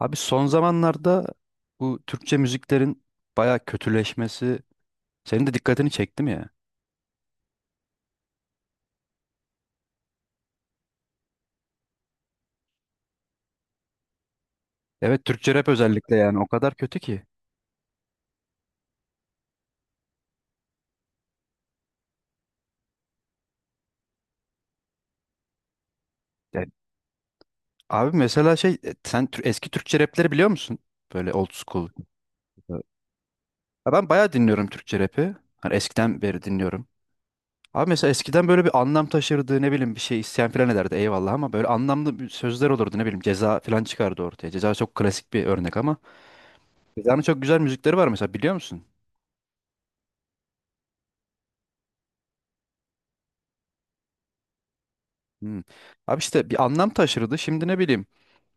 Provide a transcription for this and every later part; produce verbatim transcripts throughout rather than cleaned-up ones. Abi son zamanlarda bu Türkçe müziklerin bayağı kötüleşmesi senin de dikkatini çekti mi ya? Evet, Türkçe rap özellikle, yani o kadar kötü ki. Yani abi mesela şey e, sen tür- eski Türkçe rapleri biliyor musun? Böyle old school. Evet. Ya ben bayağı dinliyorum Türkçe rapi. Hani eskiden beri dinliyorum. Abi mesela eskiden böyle bir anlam taşırdı, ne bileyim, bir şey isyan falan ederdi, eyvallah, ama böyle anlamlı bir sözler olurdu, ne bileyim, Ceza falan çıkardı ortaya. Ceza çok klasik bir örnek ama Ceza'nın çok güzel müzikleri var mesela, biliyor musun? Hmm. Abi işte bir anlam taşırdı. Şimdi ne bileyim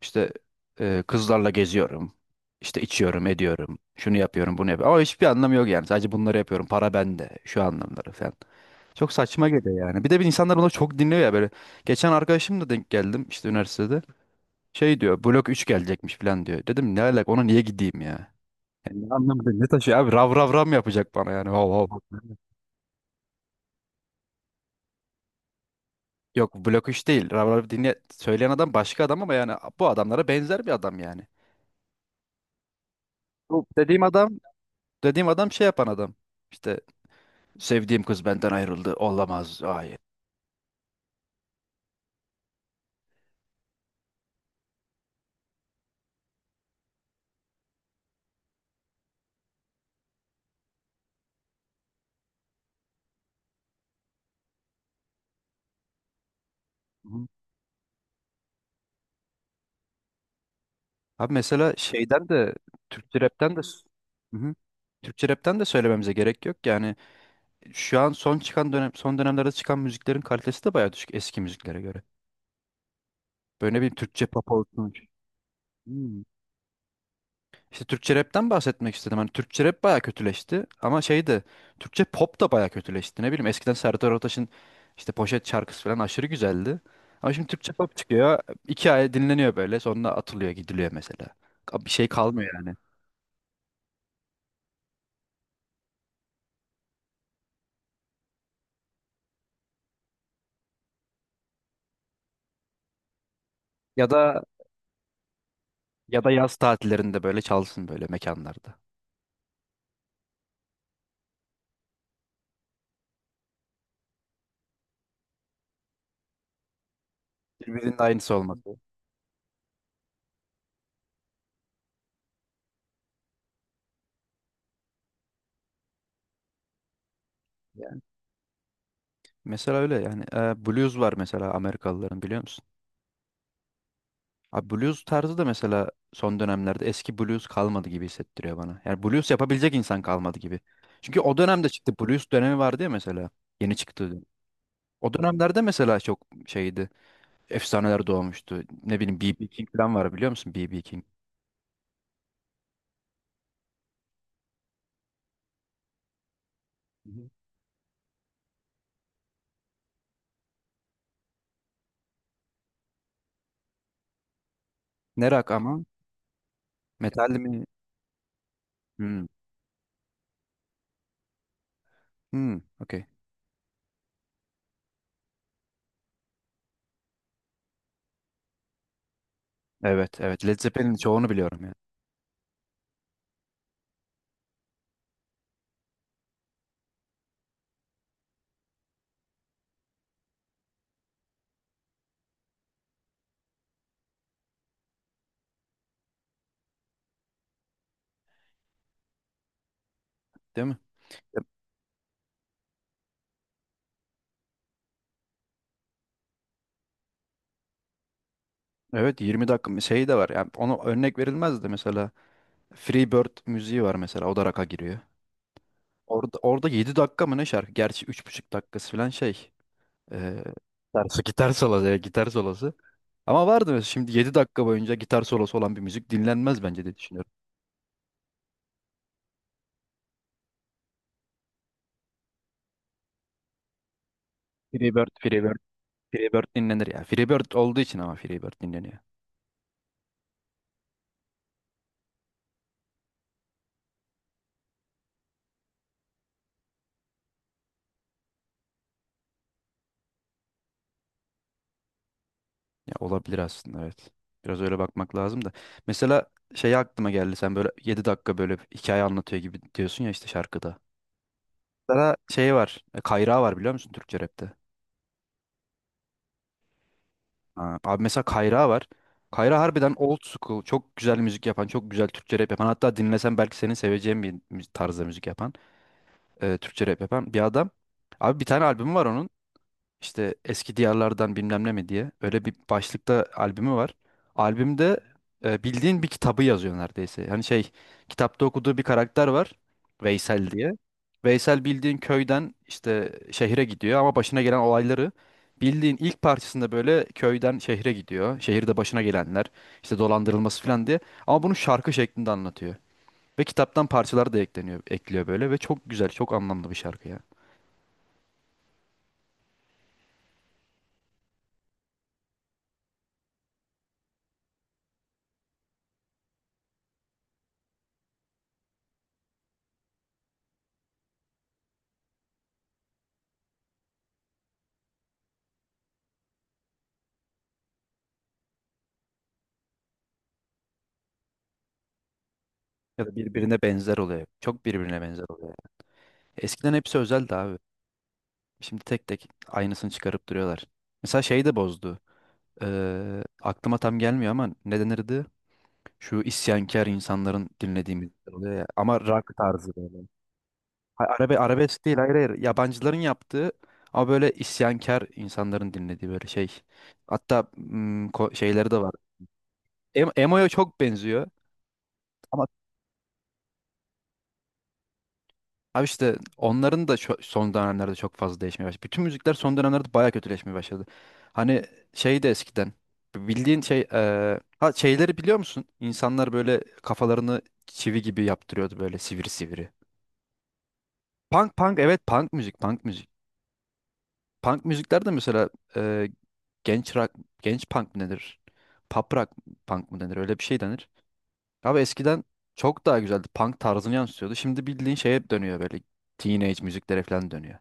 işte e, kızlarla geziyorum. İşte içiyorum, ediyorum. Şunu yapıyorum, bunu yapıyorum. Ama hiçbir anlamı yok yani. Sadece bunları yapıyorum. Para bende. Şu anlamları falan. Çok saçma geliyor yani. Bir de bir insanlar bunu çok dinliyor ya böyle. Geçen arkadaşımla denk geldim işte üniversitede. Şey diyor, blok üç gelecekmiş falan diyor. Dedim ne alaka, ona niye gideyim ya? Yani ne anlamı ne taşıyor abi, rav rav rav mı yapacak bana yani? Hav hav. Yok, blok üç değil, rav rav dinle söyleyen adam başka adam, ama yani bu adamlara benzer bir adam yani. Bu dediğim adam, dediğim adam şey yapan adam. İşte sevdiğim kız benden ayrıldı. Olamaz. Hayır. Hı. Abi mesela şeyden de Türkçe rapten de, hı-hı, Türkçe rapten de söylememize gerek yok. Yani şu an son çıkan dönem, son dönemlerde çıkan müziklerin kalitesi de bayağı düşük eski müziklere göre. Böyle bir Türkçe pop olsun. İşte Türkçe rapten bahsetmek istedim. Hani Türkçe rap baya kötüleşti ama şey de, Türkçe pop da baya kötüleşti. Ne bileyim eskiden Serdar Ortaç'ın işte poşet şarkısı falan aşırı güzeldi. Ama şimdi Türkçe pop çıkıyor. İki ay dinleniyor böyle, sonra atılıyor, gidiliyor mesela. Bir şey kalmıyor yani. Ya da ya da yaz tatillerinde böyle çalsın böyle mekanlarda. Birbirinin aynısı olmadı. Yani. Mesela öyle yani. Ee, blues var mesela, Amerikalıların, biliyor musun? Abi blues tarzı da mesela son dönemlerde, eski blues kalmadı gibi hissettiriyor bana. Yani blues yapabilecek insan kalmadı gibi. Çünkü o dönemde çıktı. Blues dönemi vardı ya mesela. Yeni çıktı. O dönemlerde mesela çok şeydi. Efsaneler doğmuştu. Ne bileyim bi bi king falan var, biliyor musun? bi bi king. Hı hı. Ne rock ama? Metal mi? Hmm. Hmm. Okey. Evet, evet. Led Zeppelin'in çoğunu biliyorum yani. Değil mi? Evet, yirmi dakika şey de var. Yani ona örnek verilmez de mesela Free Bird müziği var mesela. O da rock'a giriyor. Orada, orada yedi dakika mı ne şarkı? Gerçi üç buçuk dakikası falan şey. Ee, dersi gitar solosu. Evet, gitar solosu. Ama vardı mesela, şimdi yedi dakika boyunca gitar solosu olan bir müzik dinlenmez bence, diye düşünüyorum. Freebird, Freebird, Freebird dinlenir ya. Freebird olduğu için ama Freebird dinleniyor. Ya olabilir aslında, evet. Biraz öyle bakmak lazım da. Mesela şey aklıma geldi, sen böyle yedi dakika böyle hikaye anlatıyor gibi diyorsun ya işte şarkıda. Mesela şey var, e, Kayrağı var, biliyor musun, Türkçe rapte? Ha, abi mesela Kayra var. Kayra harbiden old school. Çok güzel müzik yapan, çok güzel Türkçe rap yapan. Hatta dinlesen belki senin seveceğin bir mü- tarzda müzik yapan, e, Türkçe rap yapan bir adam. Abi bir tane albüm var onun. İşte eski diyarlardan bilmem ne mi diye, öyle bir başlıkta albümü var. Albümde e, bildiğin bir kitabı yazıyor neredeyse. Hani şey, kitapta okuduğu bir karakter var, Veysel diye. Veysel bildiğin köyden işte şehre gidiyor, ama başına gelen olayları, bildiğin ilk parçasında böyle köyden şehre gidiyor. Şehirde başına gelenler, işte dolandırılması falan diye. Ama bunu şarkı şeklinde anlatıyor. Ve kitaptan parçalar da ekleniyor, ekliyor böyle, ve çok güzel, çok anlamlı bir şarkı ya. Ya da birbirine benzer oluyor. Çok birbirine benzer oluyor. Eskiden hepsi özeldi abi. Şimdi tek tek aynısını çıkarıp duruyorlar. Mesela şey de bozdu. Ee, aklıma tam gelmiyor ama ne denirdi? Şu isyankar insanların dinlediği müzikler oluyor ya. Ama rock tarzı böyle. Ha- Arabe, arabesk değil, hayır hayır. Yabancıların yaptığı ama böyle isyankar insanların dinlediği böyle şey. Hatta mm, ko- şeyleri de var. Em- Emo'ya çok benziyor. Ama abi işte onların da şu- son dönemlerde çok fazla değişmeye başladı. Bütün müzikler son dönemlerde bayağı kötüleşmeye başladı. Hani şey de eskiden bildiğin şey eee, ha şeyleri biliyor musun? İnsanlar böyle kafalarını çivi gibi yaptırıyordu böyle sivri sivri. Punk punk, evet, punk müzik, punk müzik. Punk müzikler de mesela eee, genç rock, genç punk mı denir? Pop rock punk mı denir? Öyle bir şey denir. Abi eskiden çok daha güzeldi. Punk tarzını yansıtıyordu. Şimdi bildiğin şeye dönüyor böyle, teenage müziklere falan dönüyor.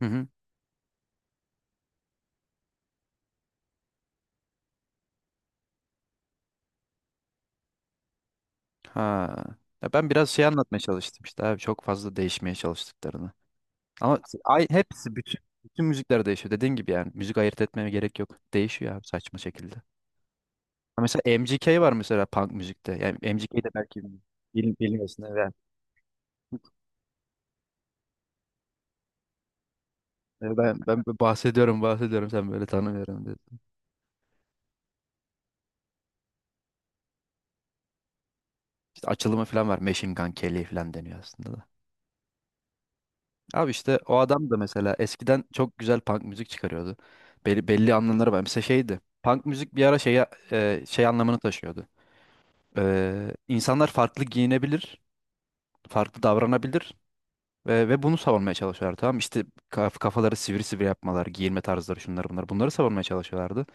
Hı hı. Ha. Ya ben biraz şey anlatmaya çalıştım işte abi, çok fazla değişmeye çalıştıklarını. Ama ay hepsi, bütün bütün müzikler değişiyor. Dediğin gibi yani müzik ayırt etmeme gerek yok. Değişiyor abi, saçma şekilde. Ha mesela M G K var mesela punk müzikte. Yani M G K'yi de belki bil, bilmiyorsun. Evet. Yani Ben, ben bahsediyorum bahsediyorum, sen böyle tanımıyorum dedim. İşte açılımı falan var, Machine Gun Kelly falan deniyor aslında. Abi işte o adam da mesela eskiden çok güzel punk müzik çıkarıyordu. Belli, belli anlamları var. Mesela şeydi. Punk müzik bir ara şeye, e, şey anlamını taşıyordu. Ee, insanlar farklı giyinebilir, farklı davranabilir ve, ve bunu savunmaya çalışıyorlar, tamam mı? İşte kaf- kafaları sivri sivri yapmalar, giyinme tarzları, şunlar bunlar. Bunları savunmaya çalışıyorlardı.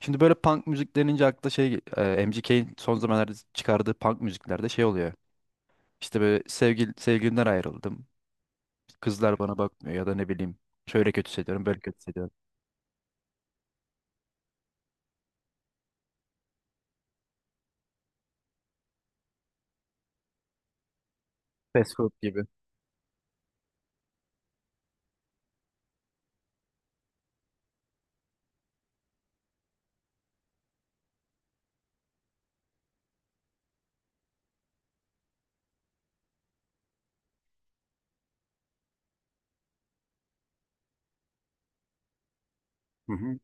Şimdi böyle punk müzik denince akla şey, e, M G K'in son zamanlarda çıkardığı punk müziklerde şey oluyor. İşte böyle, sevgil sevgilimden ayrıldım. Kızlar bana bakmıyor ya da ne bileyim. Şöyle kötü hissediyorum, böyle kötü hissediyorum. Fast food gibi. Hı hı.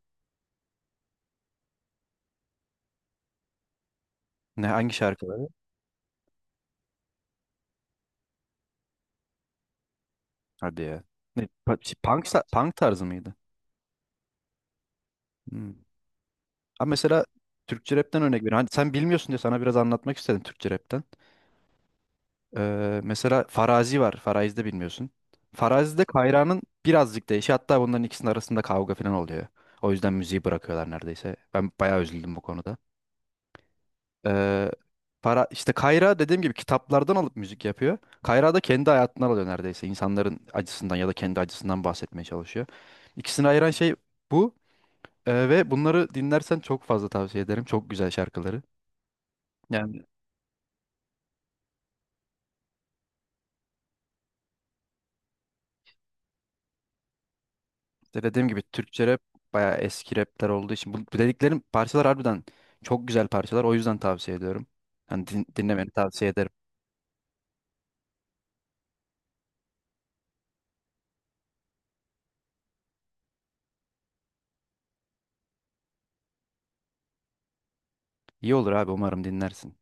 Ne, hangi şarkıları? Hadi ya. Ne, pa- şey, punk, sa- punk tarzı mıydı? Hmm. Ha mesela Türkçe rapten örnek veriyorum. Hani sen bilmiyorsun diye sana biraz anlatmak istedim Türkçe rapten. Ee, mesela Farazi var. Farazi'de bilmiyorsun. Farazi'de Kayra'nın birazcık değişi. Hatta bunların ikisinin arasında kavga falan oluyor. O yüzden müziği bırakıyorlar neredeyse. Ben bayağı üzüldüm bu konuda. Ee, para işte, Kayra dediğim gibi kitaplardan alıp müzik yapıyor. Kayra da kendi hayatından alıyor neredeyse. İnsanların acısından ya da kendi acısından bahsetmeye çalışıyor. İkisini ayıran şey bu. Ee, ve bunları dinlersen çok fazla tavsiye ederim. Çok güzel şarkıları. Yani işte dediğim gibi Türkçe rap bayağı eski rapler olduğu için bu bu dediklerim parçalar harbiden çok güzel parçalar. O yüzden tavsiye ediyorum. Hani din- dinlemeni tavsiye ederim. İyi olur abi, umarım dinlersin.